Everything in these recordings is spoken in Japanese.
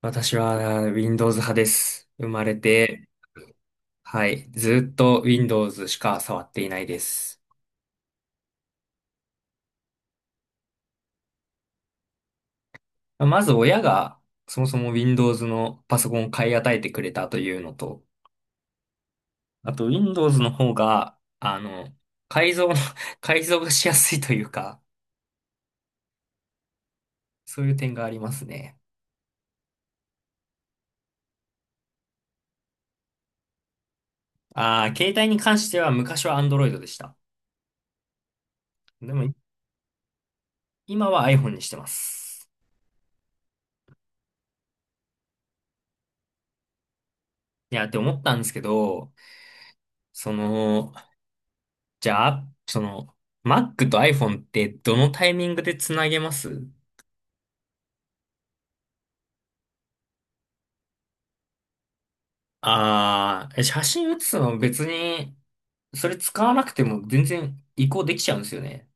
私は Windows 派です。生まれて、はい、ずっと Windows しか触っていないです。まず親がそもそも Windows のパソコンを買い与えてくれたというのと、あと Windows の方が、改造の 改造がしやすいというか、そういう点がありますね。ああ、携帯に関しては昔は Android でした。でも今は iPhone にしてます。いや、って思ったんですけど、その、じゃあ、その、Mac と iPhone ってどのタイミングでつなげます？ああー、写真写すの別に、それ使わなくても全然移行できちゃうんですよね。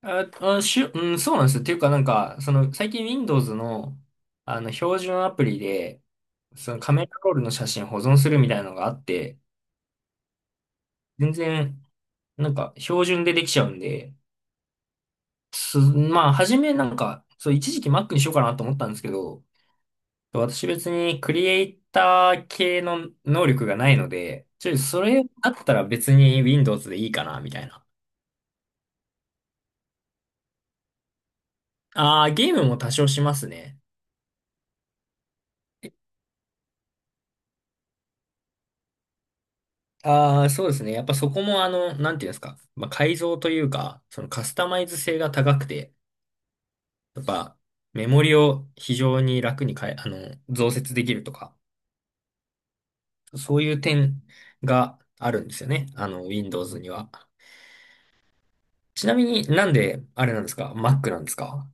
うん、そうなんですよ。っていうかなんか、最近 Windows の、標準アプリで、そのカメラロールの写真保存するみたいなのがあって、全然、なんか、標準でできちゃうんで、まあ、初めなんか、そう、一時期 Mac にしようかなと思ったんですけど、私別にクリエイター系の能力がないので、それだったら別に Windows でいいかな、みたいな。ああ、ゲームも多少しますね。ああ、そうですね。やっぱそこもなんていうんですか。まあ、改造というか、そのカスタマイズ性が高くて、やっぱメモリを非常に楽に変え、あの、増設できるとか、そういう点があるんですよね。Windows には。ちなみになんであれなんですか？ Mac なんですか？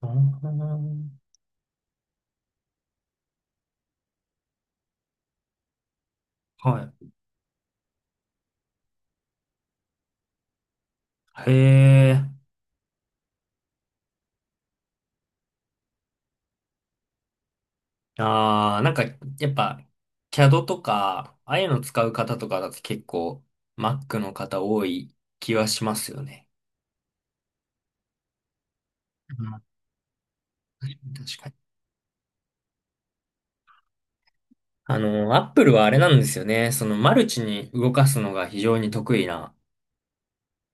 あー、はい。へえ。ああ、なんか、やっぱ、CAD とか、ああいうの使う方とかだと結構、Mac の方多い気はしますよね。うん、確かに。Apple はあれなんですよね。マルチに動かすのが非常に得意な、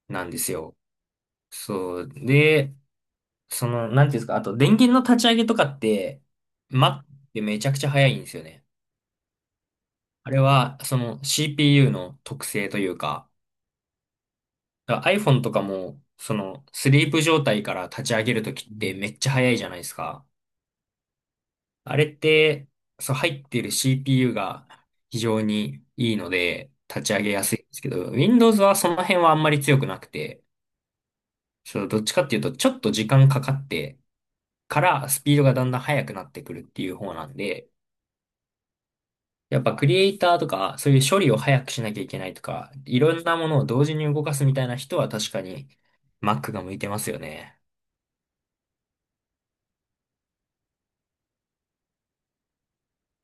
なんですよ。そう。で、なんていうんですか、あと、電源の立ち上げとかって、Mac ってめちゃくちゃ早いんですよね。あれは、CPU の特性というか、だから iPhone とかも、スリープ状態から立ち上げるときってめっちゃ早いじゃないですか。あれって、そう、入っている CPU が非常にいいので、立ち上げやすいんですけど、Windows はその辺はあんまり強くなくて、そう、どっちかっていうと、ちょっと時間かかってからスピードがだんだん速くなってくるっていう方なんで、やっぱクリエイターとか、そういう処理を早くしなきゃいけないとか、いろんなものを同時に動かすみたいな人は確かに Mac が向いてますよね。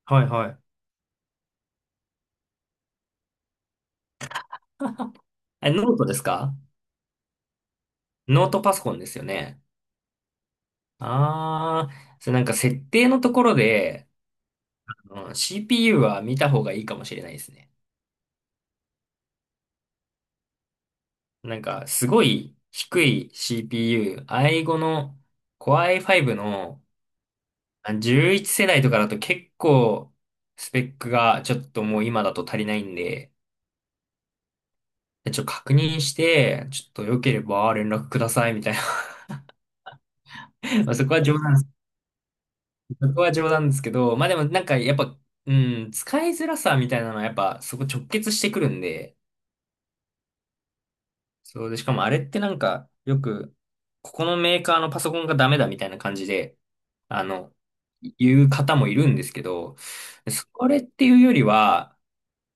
はいはい。え、ノートですか？ノートパソコンですよね？ああ、それなんか設定のところで、うん、 CPU は見た方がいいかもしれないですね。なんかすごい低い CPU、i5 の Core i5 の11世代とかだと結構スペックがちょっともう今だと足りないんで、ちょっと確認して、ちょっと良ければ連絡くださいみたいな。まあそこは冗談ですけど、まあでもなんかやっぱ、う使いづらさみたいなのはやっぱそこ直結してくるんで、そうで、しかもあれってなんかよく、ここのメーカーのパソコンがダメだみたいな感じで、あの、言う方もいるんですけど、それっていうよりは、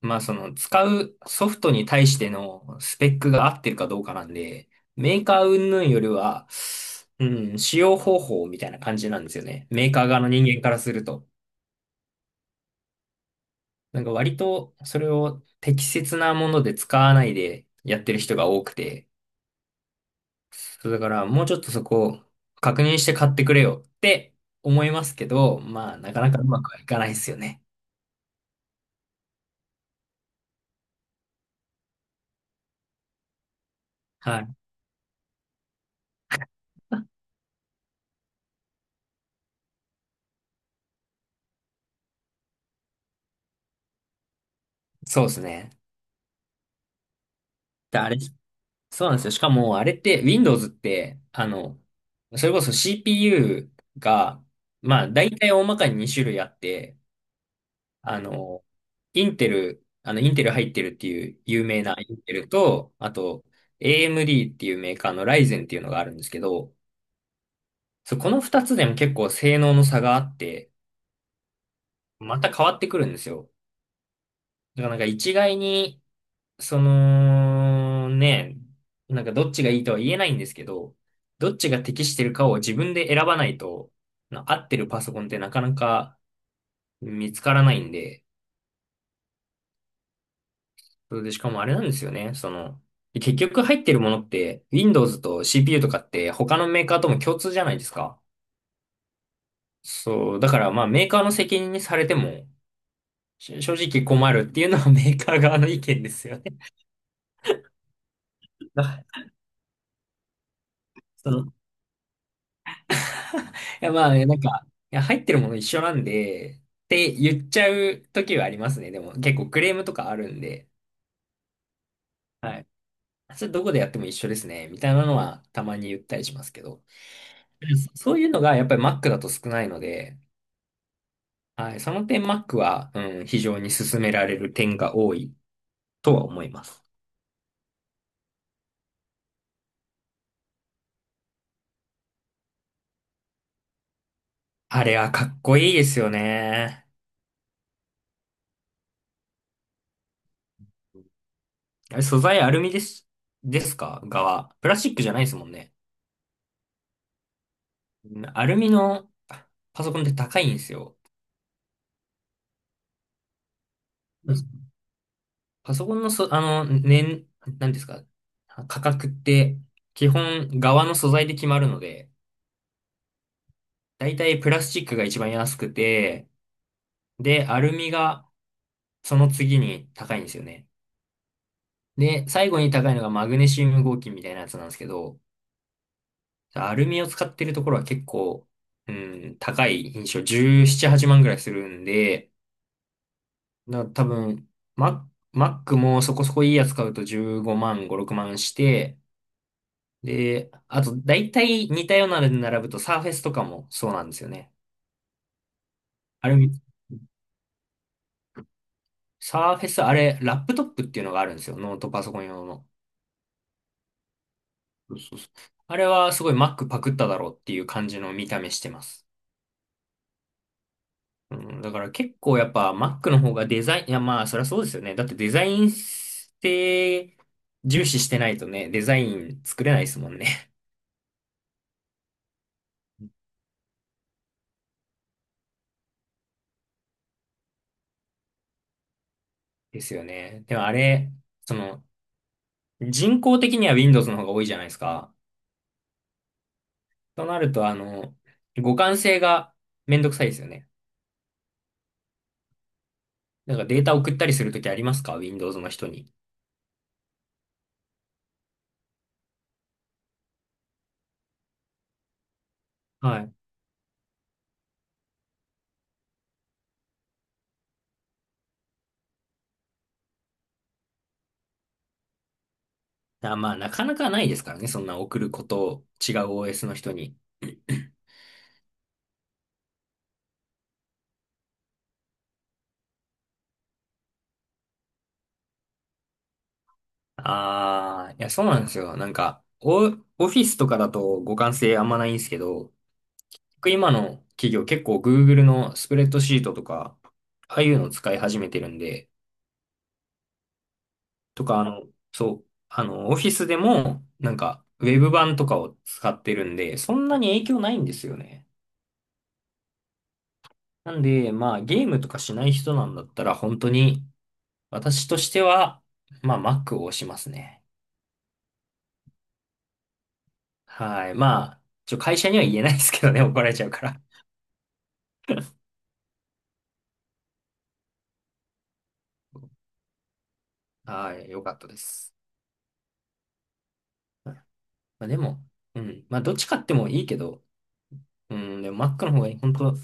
まあその使うソフトに対してのスペックが合ってるかどうかなんで、メーカー云々よりは、う使用方法みたいな感じなんですよね。メーカー側の人間からすると。なんか割とそれを適切なもので使わないでやってる人が多くて、そうだからもうちょっとそこを確認して買ってくれよって思いますけど、まあなかなかうまくはいかないですよね。はい。そうですね。で、そうなんですよ。しかもあれって Windows って、それこそ CPU が、まあ大体大まかに2種類あって、あの、インテル入ってるっていう有名なインテルと、あと、AMD っていうメーカーのライゼンっていうのがあるんですけど、そう、この二つでも結構性能の差があって、また変わってくるんですよ。だからなんか一概に、その、ね、なんかどっちがいいとは言えないんですけど、どっちが適してるかを自分で選ばないと、合ってるパソコンってなかなか見つからないんで、そうで、しかもあれなんですよね。結局入ってるものって、Windows と CPU とかって他のメーカーとも共通じゃないですか。そう、だからまあメーカーの責任にされても、正直困るっていうのは メーカー側の意見ですよね。あいやまあねなんか、いや入ってるもの一緒なんで、って言っちゃう時はありますね。でも結構クレームとかあるんで、はい。それどこでやっても一緒ですね、みたいなのはたまに言ったりしますけど。そういうのがやっぱり Mac だと少ないので、はい。その点、Mac は、非常に勧められる点が多いとは思います。あれはかっこいいですよね。あれ素材アルミですか側。プラスチックじゃないですもんね。うん、アルミのパソコンって高いんですよ。うん。パソコンのそ、あの、年、なんですか、価格って、基本、側の素材で決まるので、だいたいプラスチックが一番安くて、で、アルミがその次に高いんですよね。で、最後に高いのがマグネシウム合金みたいなやつなんですけど、アルミを使ってるところは結構、うん、高い印象17、8万ぐらいするんで、だから多分、マックもそこそこいいやつ買うと15万、5、6万して、で、あと、大体似たようなので並ぶとサーフェスとかもそうなんですよね。アルミ、サーフェス、あれ、ラップトップっていうのがあるんですよ。ノートパソコン用の。そうそうそう、あれはすごい Mac パクっただろうっていう感じの見た目してます。うん、だから結構やっぱ Mac の方がデザイン、いやまあそりゃそうですよね。だってデザインって重視してないとね、デザイン作れないですもんね。ですよね。でもあれ、その人工的には Windows の方が多いじゃないですか。となると互換性がめんどくさいですよね。なんかデータ送ったりするときありますか？ Windows の人に。はい。だからまあなかなかないですからね。そんな送ることを違う OS の人に。ああ、いや、そうなんですよ。なんか、オフィスとかだと互換性あんまないんですけど、僕今の企業結構 Google のスプレッドシートとか、ああいうのを使い始めてるんで、とか、そう、オフィスでも、なんか、ウェブ版とかを使ってるんで、そんなに影響ないんですよね。なんで、まあ、ゲームとかしない人なんだったら、本当に、私としては、まあ、Mac を押しますね。はい。まあ、会社には言えないですけどね、怒られちゃうから。はい、よかったです。までも、うん。まあ、どっち買ってもいいけど、うん、でも Mac の方が本当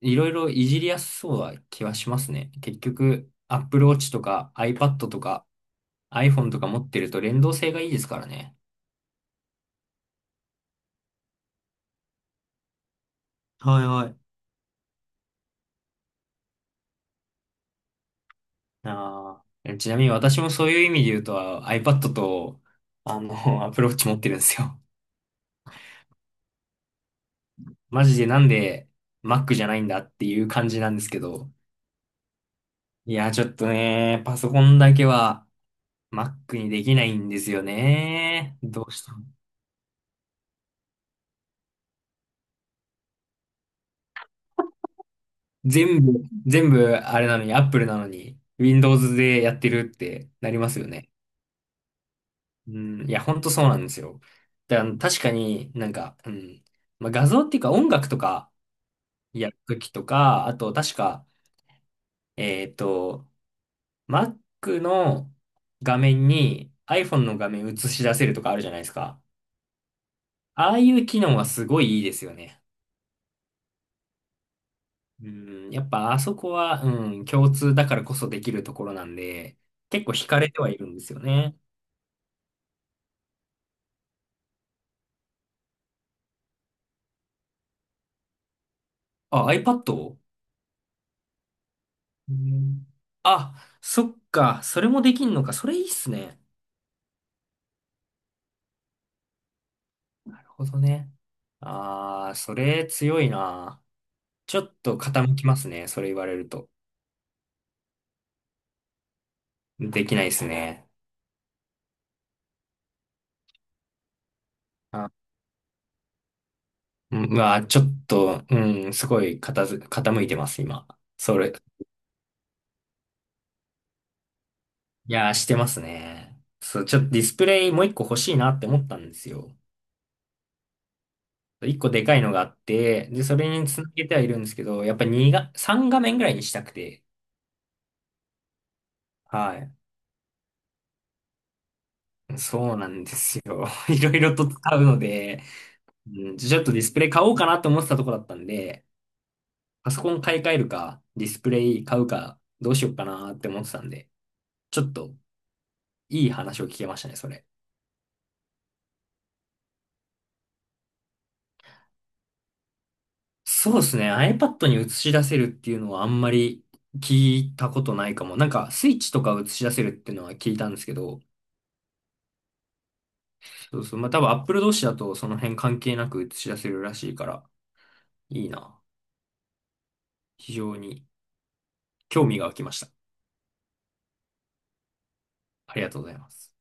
いろいろいじりやすそうな気はしますね。結局、Apple Watch とか iPad とか iPhone とか持ってると連動性がいいですからね。はいはい。ああ、ちなみに私もそういう意味で言うと iPad と、Apple Watch 持ってるんですよ。マジでなんで Mac じゃないんだっていう感じなんですけど。いや、ちょっとね、パソコンだけは Mac にできないんですよね。どうしたの？全部、全部あれなのに、Apple なのに、Windows でやってるってなりますよね。うん、いや、ほんとそうなんですよ。だから確かになんか、うん、まあ、画像っていうか音楽とかやるときとか、あと確か、えっと、Mac の画面に iPhone の画面映し出せるとかあるじゃないですか。ああいう機能はすごいいいですよね。うん、やっぱあそこは、うん、共通だからこそできるところなんで、結構惹かれてはいるんですよね。あ、iPad? うん、あ、そっか、それもできんのか、それいいっすね。なるほどね。あー、それ強いな。ちょっと傾きますね、それ言われると。できないですね。あ、うん、うわ、ちょっと、うん、すごい傾いてます、今。それ。いやー、してますね。そう、ちょっとディスプレイもう一個欲しいなって思ったんですよ。一個でかいのがあって、で、それにつなげてはいるんですけど、やっぱ2が、3画面ぐらいにしたくて、はい。そうなんですよ。いろいろと使うので、うん、ちょっとディスプレイ買おうかなと思ってたとこだったんで、パソコン買い替えるか、ディスプレイ買うか、どうしようかなって思ってたんで、ちょっといい話を聞けましたね、それ。そうですね。iPad に映し出せるっていうのはあんまり聞いたことないかも。なんか、スイッチとか映し出せるっていうのは聞いたんですけど、そうそう。まあ、多分 Apple 同士だとその辺関係なく映し出せるらしいから、いいな。非常に興味が湧きました。ありがとうございます。